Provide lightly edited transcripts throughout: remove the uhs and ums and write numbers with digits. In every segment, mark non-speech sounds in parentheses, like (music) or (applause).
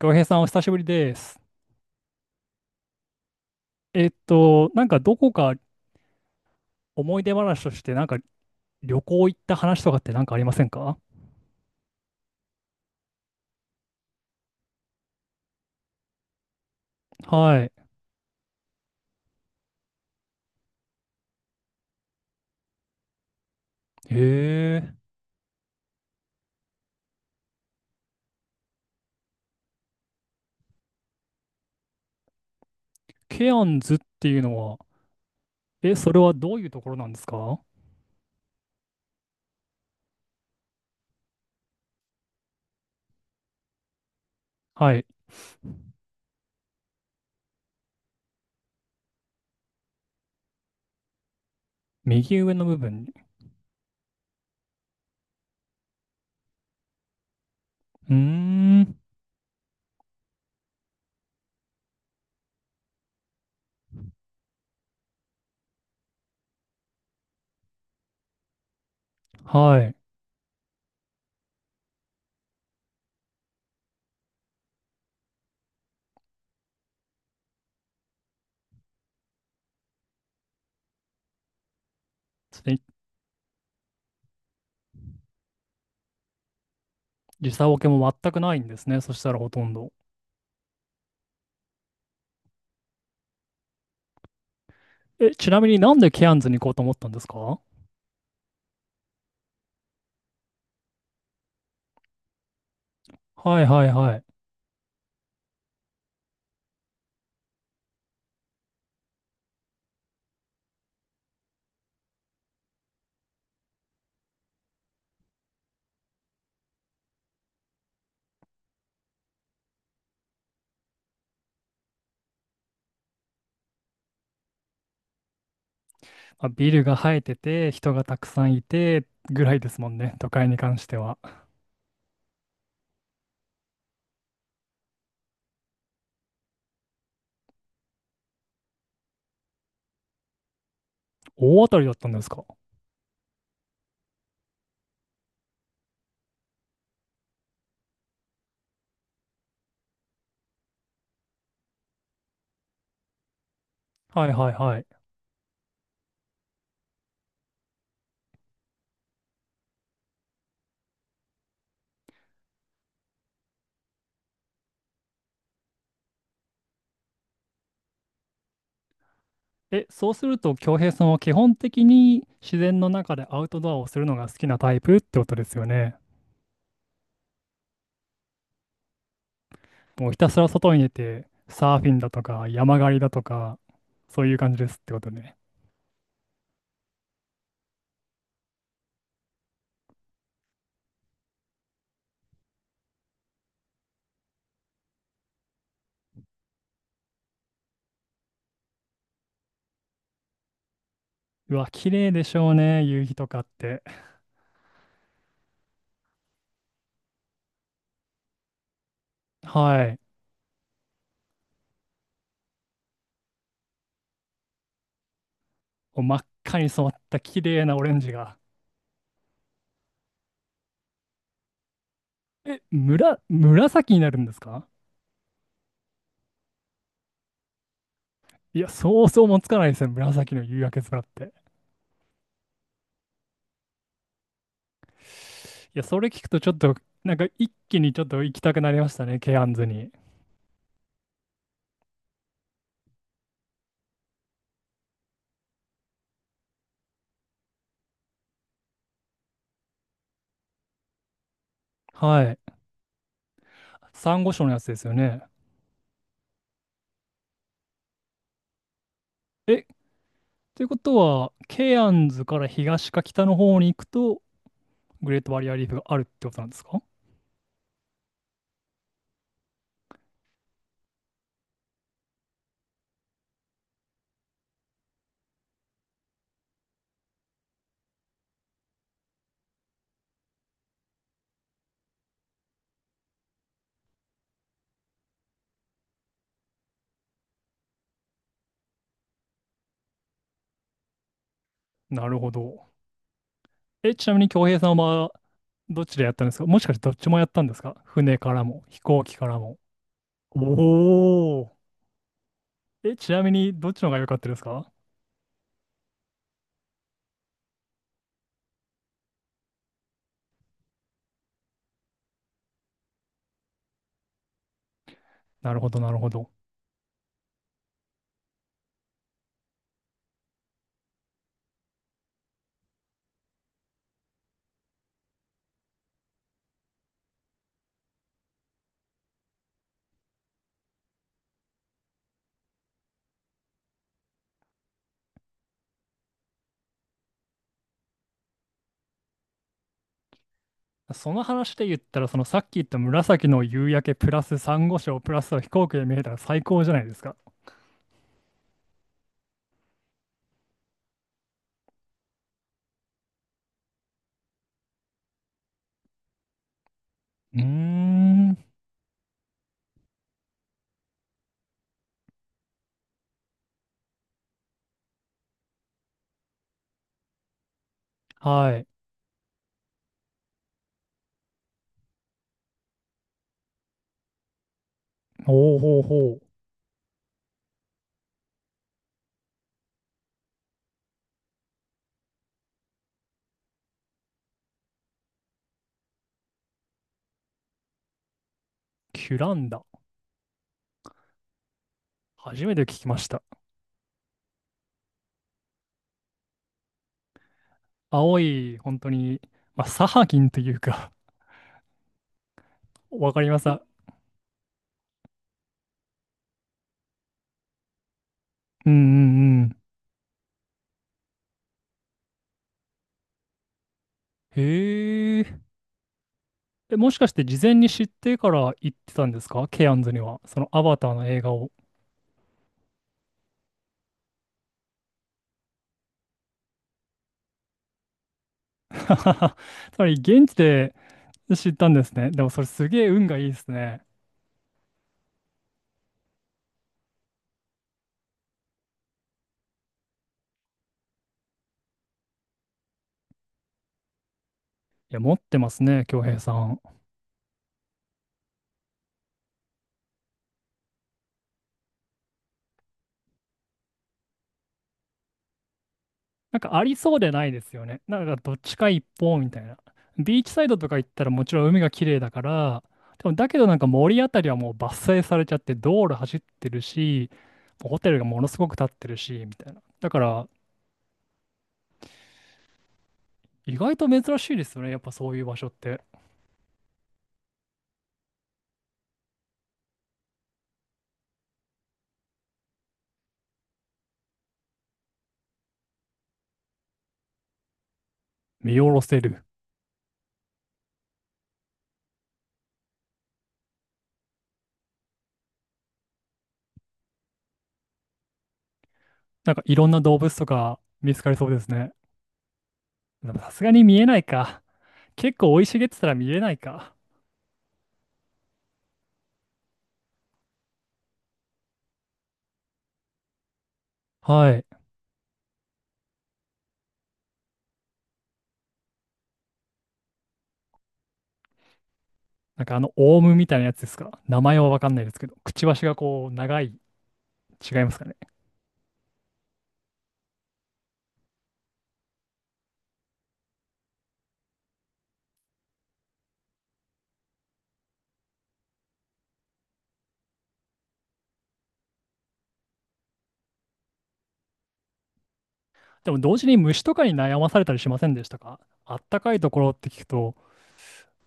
浩平さん、お久しぶりです。なんかどこか思い出話として、なんか旅行行った話とかってなんかありませんか？はい。へえ、ケアンズっていうのは、え、それはどういうところなんですか？はい。右上の部分に。うーん。はい。それに時差ボケも全くないんですね。そしたらほとんど。え、ちなみになんでケアンズに行こうと思ったんですか？はいはいはい。まあビルが生えてて、人がたくさんいて、ぐらいですもんね。都会に関しては。大当たりだったんですか。はいはいはい。え、そうすると、京平さんは基本的に自然の中でアウトドアをするのが好きなタイプってことですよね。もうひたすら外に出て、サーフィンだとか、山狩りだとか、そういう感じですってことね。うわ、綺麗でしょうね、夕日とかって。はい。もう真っ赤に染まった綺麗なオレンジが。え、むら、紫になるんですか？いや、想像もつかないですよ、紫の夕焼け空って。いや、それ聞くとちょっと、なんか一気にちょっと行きたくなりましたね、ケアンズに。はい。サンゴ礁のやつですよね。え、ということは、ケアンズから東か北の方に行くと、グレートバリアリーフがあるってことなんですか？なるほど。え、ちなみに恭平さんはどっちでやったんですか？もしかしてどっちもやったんですか？船からも飛行機からも。おお。え、ちなみにどっちの方が良かったですか？なるほど、なるほど。その話で言ったら、そのさっき言った紫の夕焼けプラス珊瑚礁プラス飛行機で見えたら最高じゃないですか。うーん。はい。ほうほうほう。キュランダ。初めて聞きました。青い、本当に、まあ、サハギンというか (laughs) わかります。あ、うんうんうん。へえ。え、もしかして事前に知ってから行ってたんですか？ケアンズには。そのアバターの映画を。(laughs) つまり現地で知ったんですね。でもそれすげえ運がいいですね。いや、持ってますね、恭平さん。なんかありそうでないですよね。なんかどっちか一方みたいな。ビーチサイドとか行ったらもちろん海が綺麗だから、でもだけどなんか森あたりはもう伐採されちゃって道路走ってるし、ホテルがものすごく建ってるし、みたいな。だから意外と珍しいですよね。やっぱそういう場所って。見下ろせる。なんかいろんな動物とか見つかりそうですね。でもさすがに見えないか。結構生い茂ってたら見えないか。はい。なんかあのオウムみたいなやつですか。名前はわかんないですけど、くちばしがこう長い。違いますかね。でも同時に虫とかに悩まされたりしませんでしたか？あったかいところって聞くと、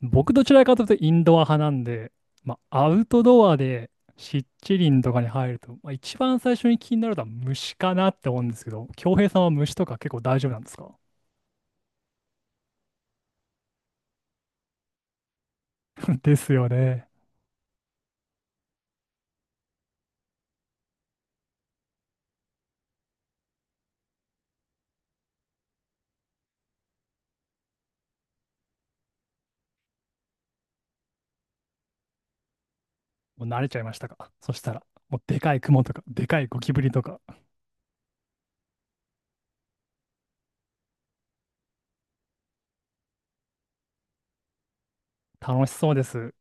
僕どちらかというとインドア派なんで、まあ、アウトドアで湿地林とかに入ると、まあ、一番最初に気になるのは虫かなって思うんですけど、恭平さんは虫とか結構大丈夫なんですか？ (laughs) ですよね。もう慣れちゃいましたか？そしたら、もうでかいクモとか、でかいゴキブリとか、楽しそうです。